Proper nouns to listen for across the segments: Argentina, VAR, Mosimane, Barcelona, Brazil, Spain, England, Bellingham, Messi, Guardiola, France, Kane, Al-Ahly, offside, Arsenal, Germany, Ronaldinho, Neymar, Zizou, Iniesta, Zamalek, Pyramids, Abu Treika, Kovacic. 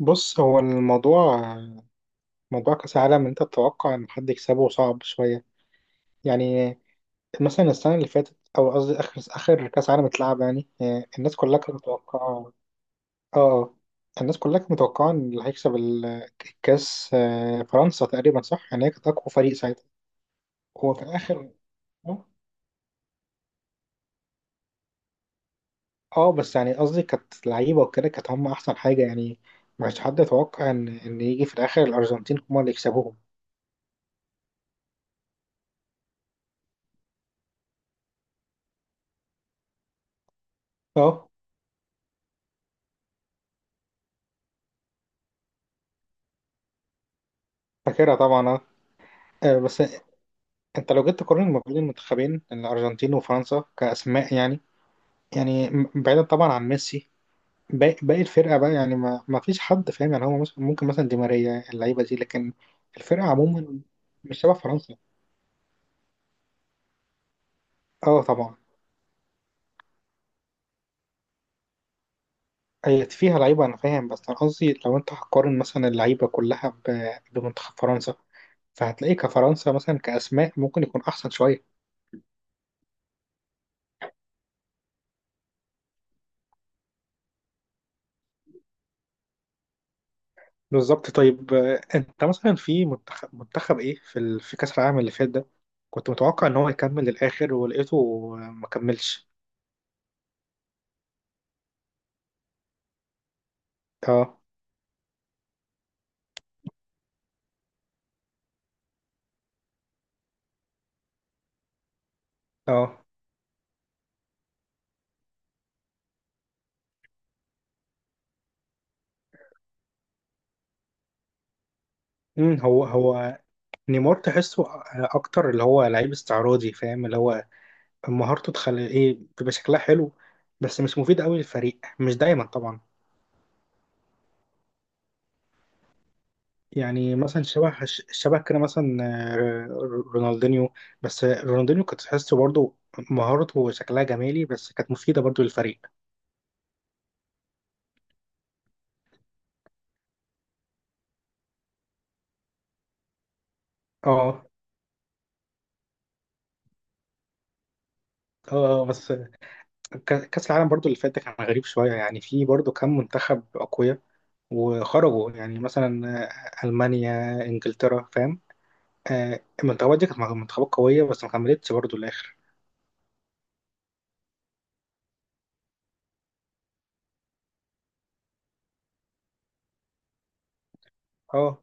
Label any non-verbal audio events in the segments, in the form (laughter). بص، هو الموضوع موضوع كأس العالم، إن أنت تتوقع إن حد يكسبه صعب شوية. يعني مثلا السنة اللي فاتت، أو قصدي آخر كأس عالم اتلعب، يعني الناس كلها كانت متوقعة. آه، الناس كلها كانت متوقعة إن اللي هيكسب الكأس، فرنسا تقريبا، صح؟ يعني هي كانت أقوى فريق ساعتها. هو في الآخر، بس يعني قصدي كانت لعيبة وكده، كانت هم أحسن حاجة يعني. ما كانش حد يتوقع إن يجي في الآخر الأرجنتين هم اللي يكسبوهم. آه، فاكرها طبعا. آه. آه، بس انت لو جيت تقارن ما بين المنتخبين الارجنتين وفرنسا كاسماء، يعني يعني بعيدا طبعا عن ميسي، باقي الفرقه بقى يعني ما فيش حد فاهم. يعني هو ممكن مثلا دي ماريا اللعيبه دي، لكن الفرقه عموما مش شبه فرنسا. اه طبعا هي فيها لعيبه، انا فاهم، بس انا قصدي لو انت هتقارن مثلا اللعيبه كلها بمنتخب فرنسا، فهتلاقي كفرنسا مثلا كاسماء ممكن يكون احسن شويه. بالظبط. طيب آه، انت مثلا في منتخب ايه في في كأس العالم اللي فات ده، كنت متوقع ان هو يكمل للآخر ولقيته آه، ما كملش؟ اه. اه. هو نيمار، تحسه اكتر اللي هو لعيب استعراضي، فاهم؟ اللي هو مهارته تخلي ايه، بيبقى شكلها حلو، بس مش مفيد قوي للفريق، مش دايما طبعا. يعني مثلا شبه كده مثلا، آه، رونالدينيو. بس رونالدينيو كنت تحسه برضه مهارته وشكلها جمالي، بس كانت مفيدة برضه للفريق. اه. اه. آه، بس كأس العالم برضو اللي فات ده كان غريب شوية، يعني في برضو كام منتخب أقوياء وخرجوا. يعني مثلا آه، ألمانيا، إنجلترا، فاهم؟ آه، المنتخبات دي كانت منتخبات قوية، بس ما كملتش برضو الآخر. اه،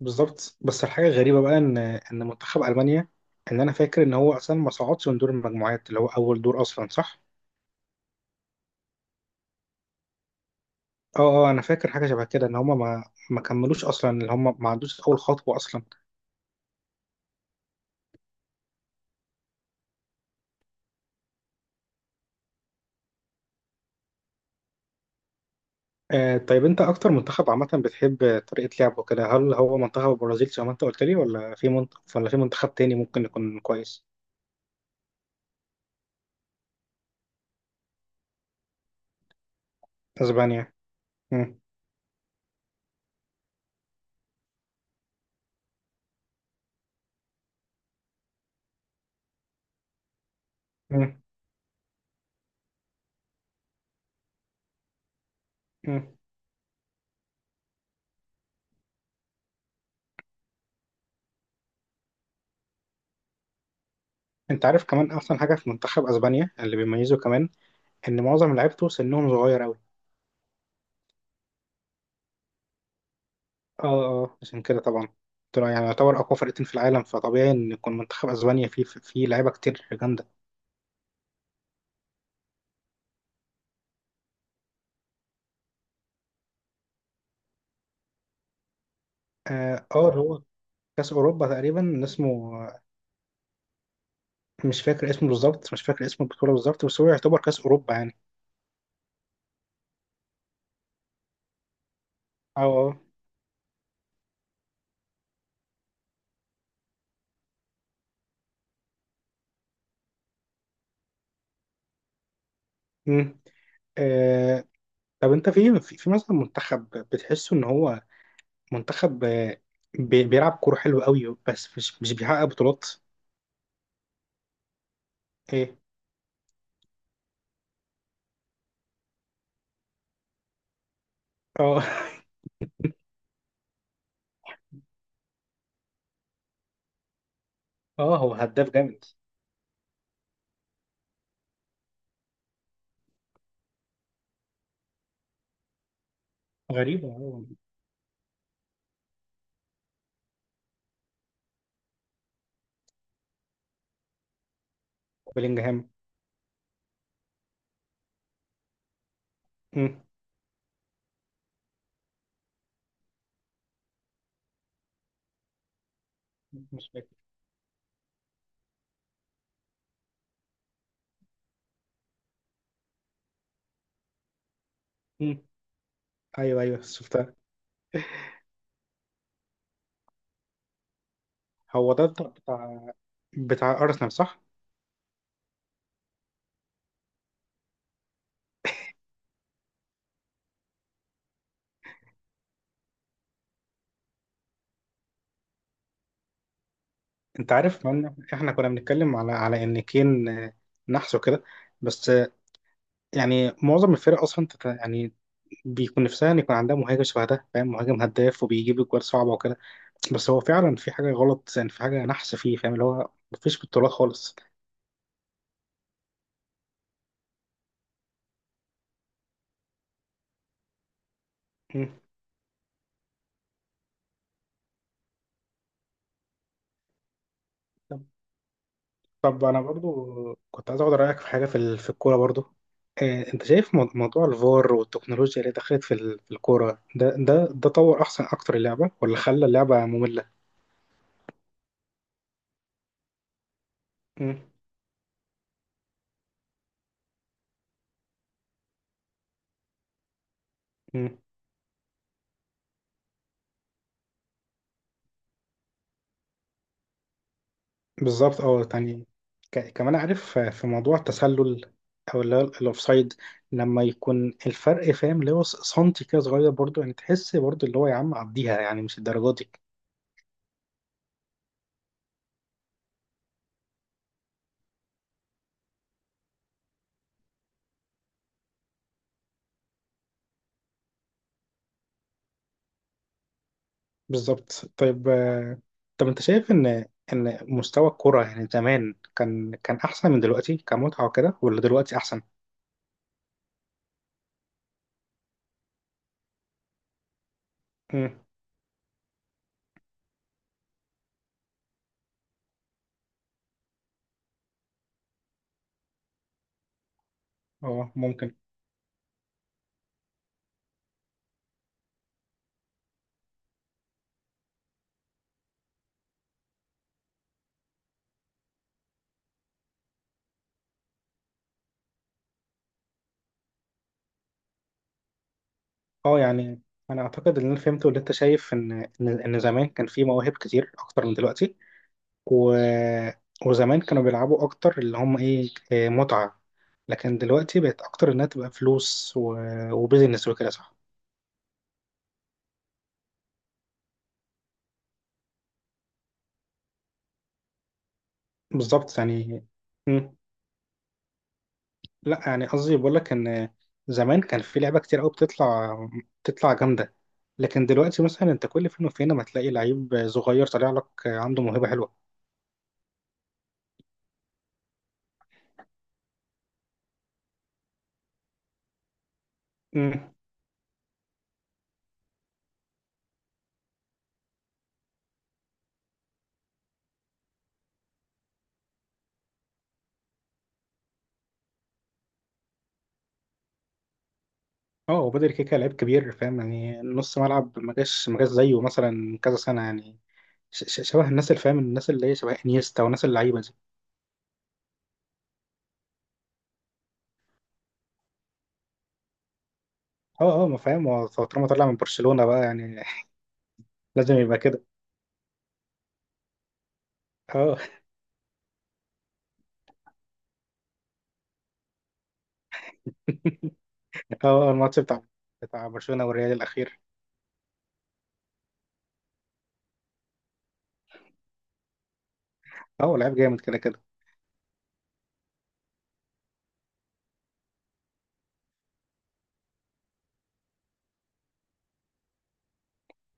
بالظبط. بس الحاجة الغريبة بقى إن منتخب ألمانيا، إن أنا فاكر إن هو أصلا ما صعدش من دور المجموعات، اللي هو أول دور أصلا، صح؟ اه اه، أنا فاكر حاجة شبه كده، إن هما ما كملوش أصلا، اللي هما ما عندوش أول خطوة أصلا. آه، طيب انت اكتر منتخب عامه بتحب طريقه لعبه كده، هل هو منتخب البرازيل زي ما انت قلت لي، ولا في منتخب، ولا في منتخب تاني ممكن يكون كويس؟ اسبانيا. مم. مم. مم. انت عارف كمان احسن حاجه في منتخب اسبانيا اللي بيميزه كمان؟ ان معظم لعيبته سنهم صغير قوي. اه اه. آه، عشان كده طبعا طلع يعني يعتبر اقوى فرقتين في العالم، فطبيعي ان يكون منتخب اسبانيا فيه لعيبه كتير جامده. اه، آه، اللي هو كاس اوروبا تقريبا اسمه، مش فاكر اسمه بالظبط، مش فاكر اسم البطوله بالظبط، بس هو يعتبر كاس اوروبا يعني. اه. آه. مم. آه، طب انت في في مثلا منتخب بتحسه ان هو منتخب آه، بيلعب كوره حلو قوي بس مش بيحقق بطولات؟ ايه. اه. (laughs) اه، هو هداف جامد. غريبه، اه. بلينجهام. مم. مش فاكر. مم. ايوه ايوه، شفتها. هو ده بتاع بتاع ارسنال، صح؟ انت عارف ان احنا كنا بنتكلم على ان كين، آه، نحسه كده. بس يعني معظم الفرق اصلا يعني بيكون نفسها ان يكون عندها مهاجم شبه ده، فاهم؟ مهاجم هداف وبيجيب اجوال صعبه وكده. بس هو فعلا في حاجه غلط يعني، في حاجه نحس فيه، فاهم؟ اللي هو مفيش بطولات خالص. مم. طب طب انا برضو كنت عايز اخد رايك في حاجه في في الكوره برضو. آه، انت شايف موضوع الفار والتكنولوجيا اللي دخلت في في الكوره ده، ده طور احسن اكتر اللعبه ولا خلى اللعبه ممله؟ مم. مم. بالظبط، اه. يعني كمان عارف آه، في موضوع التسلل، او اللي هو الاوفسايد، لما يكون الفرق فاهم اللي هو سنتي كده صغير، برضو يعني تحس برضو اللي هو يا عم عديها يعني، مش الدرجه دي. بالظبط. طيب آه، طب انت شايف ان مستوى الكرة يعني زمان كان كان احسن من دلوقتي كمتعة وكده، ولا دلوقتي احسن؟ امم. اه ممكن. اه يعني انا اعتقد ان انا فهمت، واللي انت شايف ان إن زمان كان في مواهب كتير اكتر من دلوقتي، و... وزمان كانوا بيلعبوا اكتر اللي هم ايه، آه، متعة. لكن دلوقتي بقت اكتر انها تبقى فلوس و... وبيزنس وكده، صح؟ بالظبط يعني. مم. لا يعني قصدي بقول لك ان زمان كان في لعبة كتير قوي بتطلع، بتطلع جامدة. لكن دلوقتي مثلا انت كل فين وفين ما تلاقي لعيب صغير طالع لك عنده موهبة حلوة. اه، هو بدري كده كده لعيب كبير، فاهم؟ يعني نص ملعب ما جاش زيه مثلا من كذا سنة، يعني شبه الناس اللي فاهم، الناس اللي هي شبه انيستا وناس اللعيبة دي. اه اه، ما فاهم، هو طالما طلع من برشلونة بقى يعني. (laughs) لازم يبقى كده. اه اه، اه، الماتش بتاع برشلونة والريال الأخير. اه، هو لعيب جامد كده كده.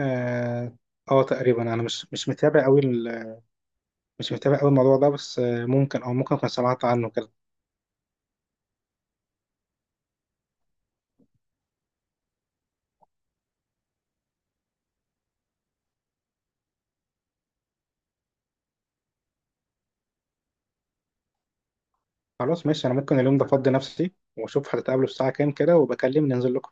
اه آه، تقريبا انا مش متابع قوي مش متابع قوي الموضوع ده، بس آه، ممكن او ممكن اكون سمعت عنه كده. خلاص، ماشي. انا ممكن اليوم ده افضي نفسي، واشوف هتتقابلوا الساعة كام كده، وبكلم ننزل.